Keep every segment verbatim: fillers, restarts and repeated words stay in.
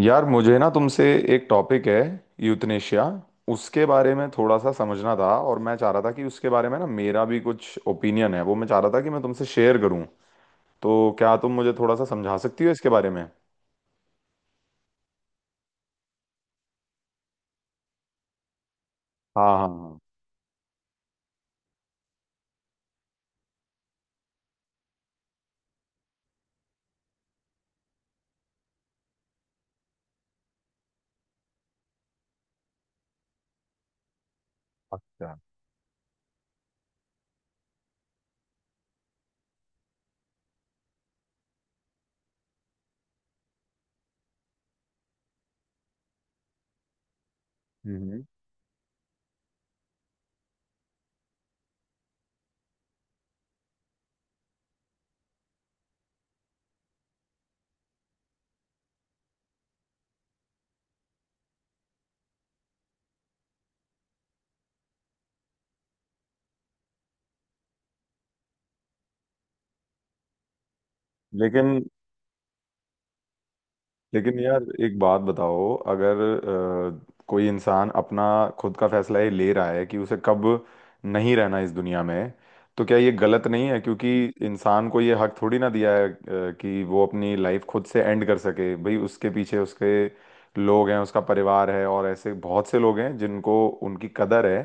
यार, मुझे ना तुमसे एक टॉपिक है। यूथनेशिया, उसके बारे में थोड़ा सा समझना था, और मैं चाह रहा था कि उसके बारे में ना मेरा भी कुछ ओपिनियन है वो मैं चाह रहा था कि मैं तुमसे शेयर करूं। तो क्या तुम मुझे थोड़ा सा समझा सकती हो इसके बारे में? हाँ, हाँ, हाँ। अच्छा। हम्म। लेकिन लेकिन यार, एक बात बताओ, अगर अ, कोई इंसान अपना खुद का फैसला ये ले रहा है कि उसे कब नहीं रहना इस दुनिया में, तो क्या ये गलत नहीं है? क्योंकि इंसान को ये हक थोड़ी ना दिया है अ, कि वो अपनी लाइफ खुद से एंड कर सके। भाई, उसके पीछे उसके लोग हैं, उसका परिवार है, और ऐसे बहुत से लोग हैं जिनको उनकी कदर है।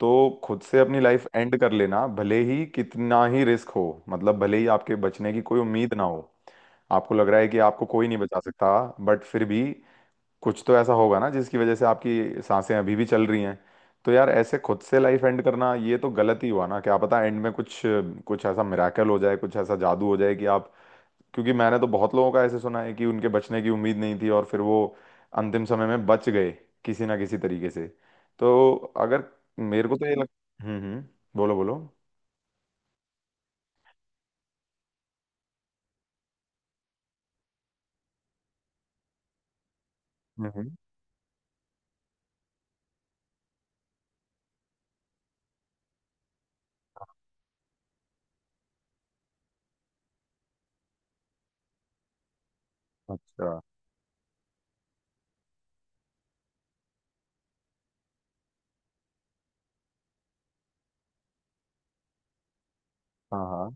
तो खुद से अपनी लाइफ एंड कर लेना, भले ही कितना ही रिस्क हो, मतलब भले ही आपके बचने की कोई उम्मीद ना हो, आपको लग रहा है कि आपको कोई नहीं बचा सकता, बट फिर भी कुछ तो ऐसा होगा ना जिसकी वजह से आपकी सांसें अभी भी चल रही हैं। तो यार, ऐसे खुद से लाइफ एंड करना ये तो गलत ही हुआ ना? क्या पता एंड में कुछ कुछ ऐसा मिराकल हो जाए, कुछ ऐसा जादू हो जाए कि आप। क्योंकि मैंने तो बहुत लोगों का ऐसे सुना है कि उनके बचने की उम्मीद नहीं थी और फिर वो अंतिम समय में बच गए, किसी ना किसी तरीके से। तो अगर मेरे को तो ये लग। हम्म, हम्म। बोलो, बोलो। हम्म। अच्छा। हाँ, हाँ।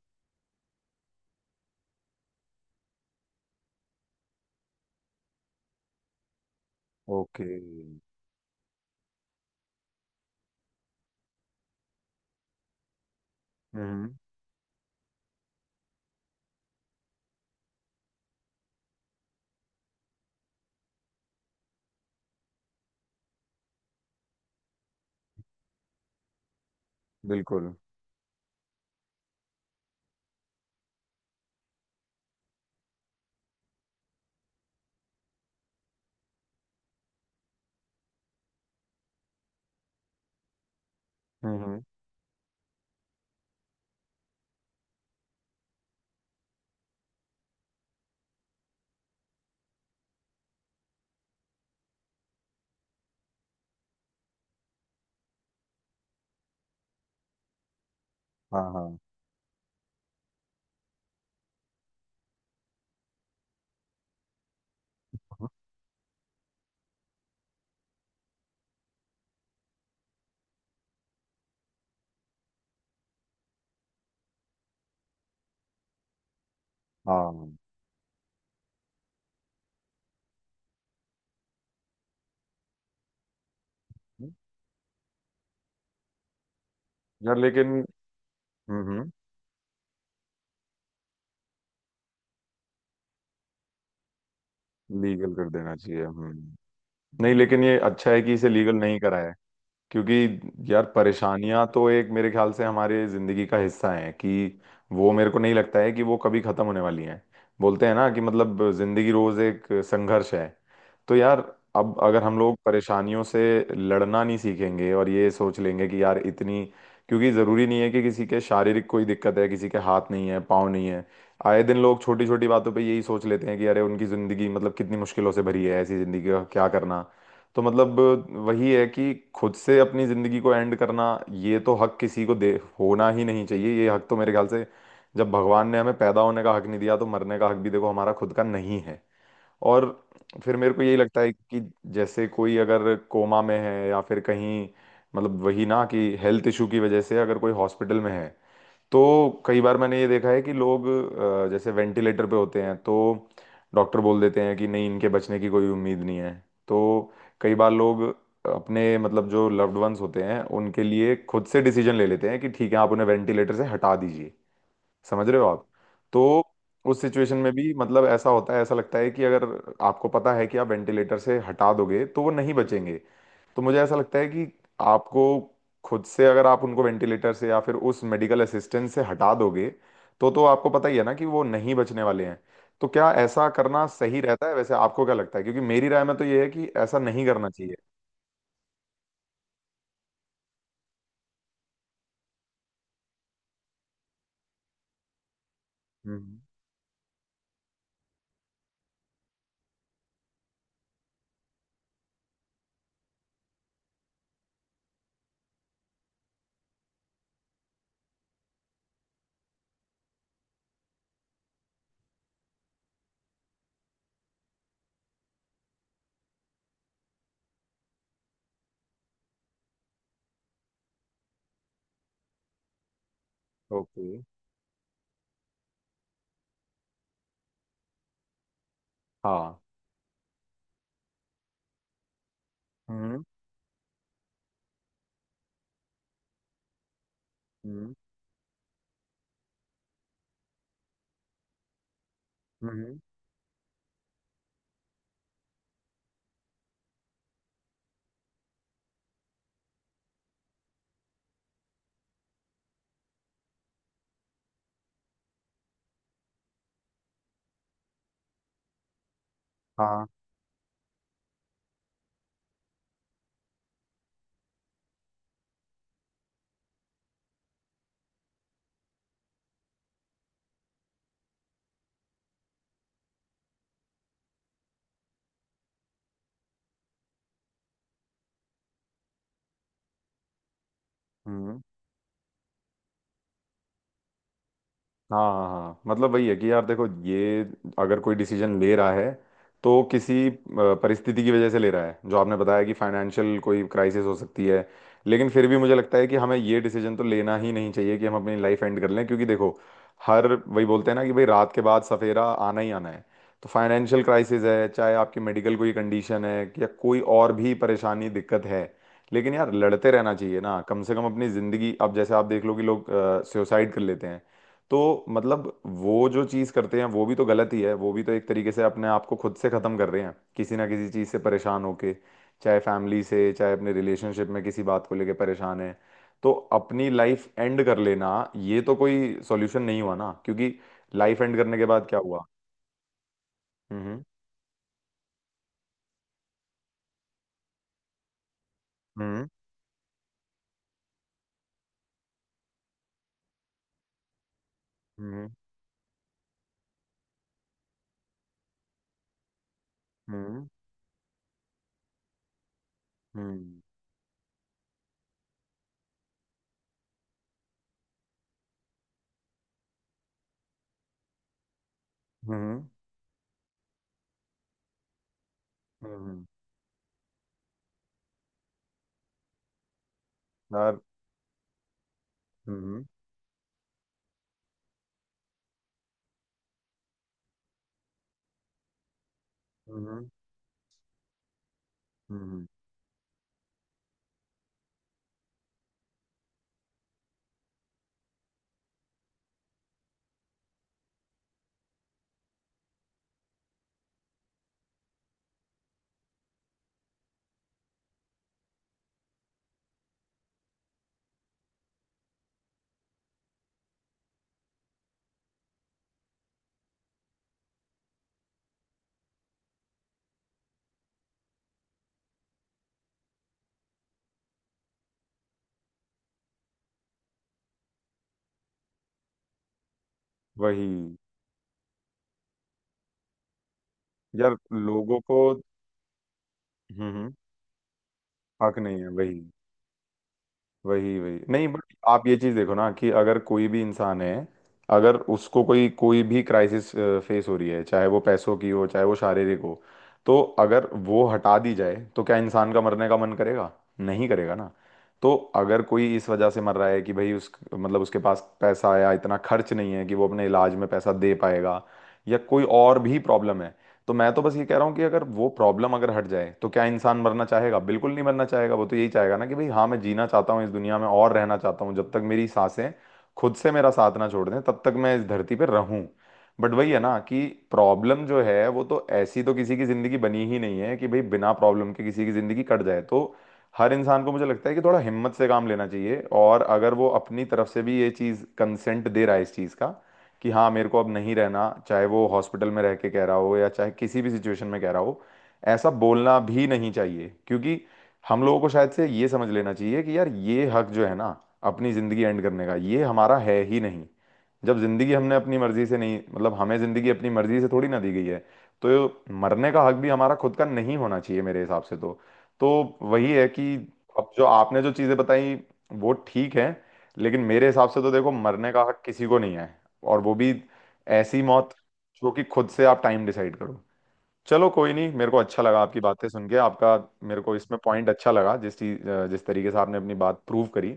ओके। हम्म। बिल्कुल। हम्म। हाँ, हाँ, हाँ। यार, लेकिन। हम्म। लीगल कर देना चाहिए। हम्म। नहीं, लेकिन ये अच्छा है कि इसे लीगल नहीं कराया। क्योंकि यार, परेशानियां तो एक मेरे ख्याल से हमारे जिंदगी का हिस्सा है, कि वो मेरे को नहीं लगता है कि वो कभी खत्म होने वाली हैं। बोलते हैं ना कि मतलब जिंदगी रोज एक संघर्ष है। तो यार, अब अगर हम लोग परेशानियों से लड़ना नहीं सीखेंगे और ये सोच लेंगे कि यार इतनी। क्योंकि ज़रूरी नहीं है कि किसी के शारीरिक कोई दिक्कत है, किसी के हाथ नहीं है, पाँव नहीं है। आए दिन लोग छोटी छोटी बातों पे यही सोच लेते हैं कि अरे, उनकी ज़िंदगी मतलब कितनी मुश्किलों से भरी है, ऐसी ज़िंदगी का क्या करना। तो मतलब वही है कि खुद से अपनी जिंदगी को एंड करना, ये तो हक किसी को दे होना ही नहीं चाहिए। ये हक तो मेरे ख्याल से, जब भगवान ने हमें पैदा होने का हक नहीं दिया, तो मरने का हक भी देखो हमारा खुद का नहीं है। और फिर मेरे को यही लगता है कि जैसे कोई अगर कोमा में है, या फिर कहीं मतलब वही ना कि हेल्थ इशू की वजह से अगर कोई हॉस्पिटल में है। तो कई बार मैंने ये देखा है कि लोग अ, जैसे वेंटिलेटर पे होते हैं तो डॉक्टर बोल देते हैं कि नहीं, इनके बचने की कोई उम्मीद नहीं है। तो कई बार लोग अपने, मतलब जो लव्ड वंस होते हैं, उनके लिए खुद से डिसीजन ले लेते हैं कि ठीक है, आप उन्हें वेंटिलेटर से हटा दीजिए। समझ रहे हो आप? तो उस सिचुएशन में भी मतलब ऐसा होता है, ऐसा लगता है कि अगर आपको पता है कि आप वेंटिलेटर से हटा दोगे तो वो नहीं बचेंगे। तो मुझे ऐसा लगता है कि आपको, खुद से अगर आप उनको वेंटिलेटर से या फिर उस मेडिकल असिस्टेंस से हटा दोगे, तो तो आपको पता ही है ना कि वो नहीं बचने वाले हैं। तो क्या ऐसा करना सही रहता है वैसे? आपको क्या लगता है? क्योंकि मेरी राय में तो ये है कि ऐसा नहीं करना चाहिए। हम्म। ओके। हाँ। हम्म, हम्म, हम्म। हाँ। हम्म। हाँ, हाँ, हाँ। मतलब वही है कि यार देखो, ये अगर कोई डिसीजन ले रहा है तो किसी अ, परिस्थिति की वजह से ले रहा है, जो आपने बताया कि फाइनेंशियल कोई क्राइसिस हो सकती है। लेकिन फिर भी मुझे लगता है कि हमें ये डिसीजन तो लेना ही नहीं चाहिए कि हम अपनी लाइफ एंड कर लें, क्योंकि देखो, हर वही बोलते हैं ना कि भाई रात के बाद सफेरा आना ही आना है। तो फाइनेंशियल क्राइसिस है, चाहे आपकी मेडिकल कोई कंडीशन है, या कोई और भी परेशानी, दिक्कत है, लेकिन यार लड़ते रहना चाहिए ना, कम से कम अपनी ज़िंदगी। अब जैसे आप देख लो कि लोग सुसाइड कर लेते हैं, तो मतलब वो जो चीज़ करते हैं वो भी तो गलत ही है, वो भी तो एक तरीके से अपने आप को खुद से ख़त्म कर रहे हैं, किसी ना किसी चीज़ से परेशान होके। चाहे फैमिली से, चाहे अपने रिलेशनशिप में किसी बात को लेके परेशान है। तो अपनी लाइफ एंड कर लेना ये तो कोई सॉल्यूशन नहीं हुआ ना? क्योंकि लाइफ एंड करने के बाद क्या हुआ? हम्म, हम्म, हम्म, हम्म, हम्म, हम्म, हम्म, हम्म। यार। हम्म, हम्म, हम्म, हम्म। वही। यार, लोगों को। हम्म, हम्म। हक नहीं है। वही, वही। वही नहीं, बट आप ये चीज देखो ना कि अगर कोई भी इंसान है, अगर उसको कोई कोई भी क्राइसिस फेस हो रही है, चाहे वो पैसों की हो, चाहे वो शारीरिक हो, तो अगर वो हटा दी जाए तो क्या इंसान का मरने का मन करेगा? नहीं करेगा ना। तो अगर कोई इस वजह से मर रहा है कि भाई, उस मतलब उसके पास पैसा या इतना खर्च नहीं है कि वो अपने इलाज में पैसा दे पाएगा, या कोई और भी प्रॉब्लम है, तो मैं तो बस ये कह रहा हूँ कि अगर वो प्रॉब्लम अगर हट जाए तो क्या इंसान मरना चाहेगा? बिल्कुल नहीं मरना चाहेगा। वो तो यही चाहेगा ना कि भाई हाँ, मैं जीना चाहता हूँ इस दुनिया में और रहना चाहता हूँ जब तक मेरी सांसें खुद से मेरा साथ ना छोड़ दें, तब तक मैं इस धरती पर रहूं। बट वही है ना कि प्रॉब्लम जो है वो तो ऐसी तो किसी की जिंदगी बनी ही नहीं है कि भाई बिना प्रॉब्लम के किसी की जिंदगी कट जाए, तो हर इंसान को मुझे लगता है कि थोड़ा हिम्मत से काम लेना चाहिए। और अगर वो अपनी तरफ से भी ये चीज़ कंसेंट दे रहा है इस चीज़ का कि हाँ मेरे को अब नहीं रहना, चाहे वो हॉस्पिटल में रह के कह रहा हो या चाहे किसी भी सिचुएशन में कह रहा हो, ऐसा बोलना भी नहीं चाहिए। क्योंकि हम लोगों को शायद से ये समझ लेना चाहिए कि यार, ये हक जो है ना अपनी ज़िंदगी एंड करने का, ये हमारा है ही नहीं। जब ज़िंदगी हमने अपनी मर्ज़ी से नहीं, मतलब हमें ज़िंदगी अपनी मर्ज़ी से थोड़ी ना दी गई है, तो मरने का हक भी हमारा खुद का नहीं होना चाहिए मेरे हिसाब से तो। तो वही है कि अब जो आपने जो चीज़ें बताई वो ठीक है, लेकिन मेरे हिसाब से तो देखो, मरने का हक किसी को नहीं है, और वो भी ऐसी मौत जो कि खुद से आप टाइम डिसाइड करो। चलो, कोई नहीं, मेरे को अच्छा लगा आपकी बातें सुन के। आपका, मेरे को इसमें पॉइंट अच्छा लगा, जिस चीज, जिस तरीके से आपने अपनी बात प्रूव करी।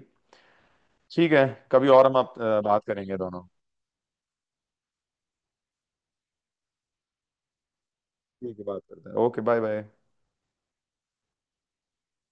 ठीक है। कभी और हम आप अ, बात करेंगे दोनों। ठीक है, बात करते हैं। Okay, bye bye.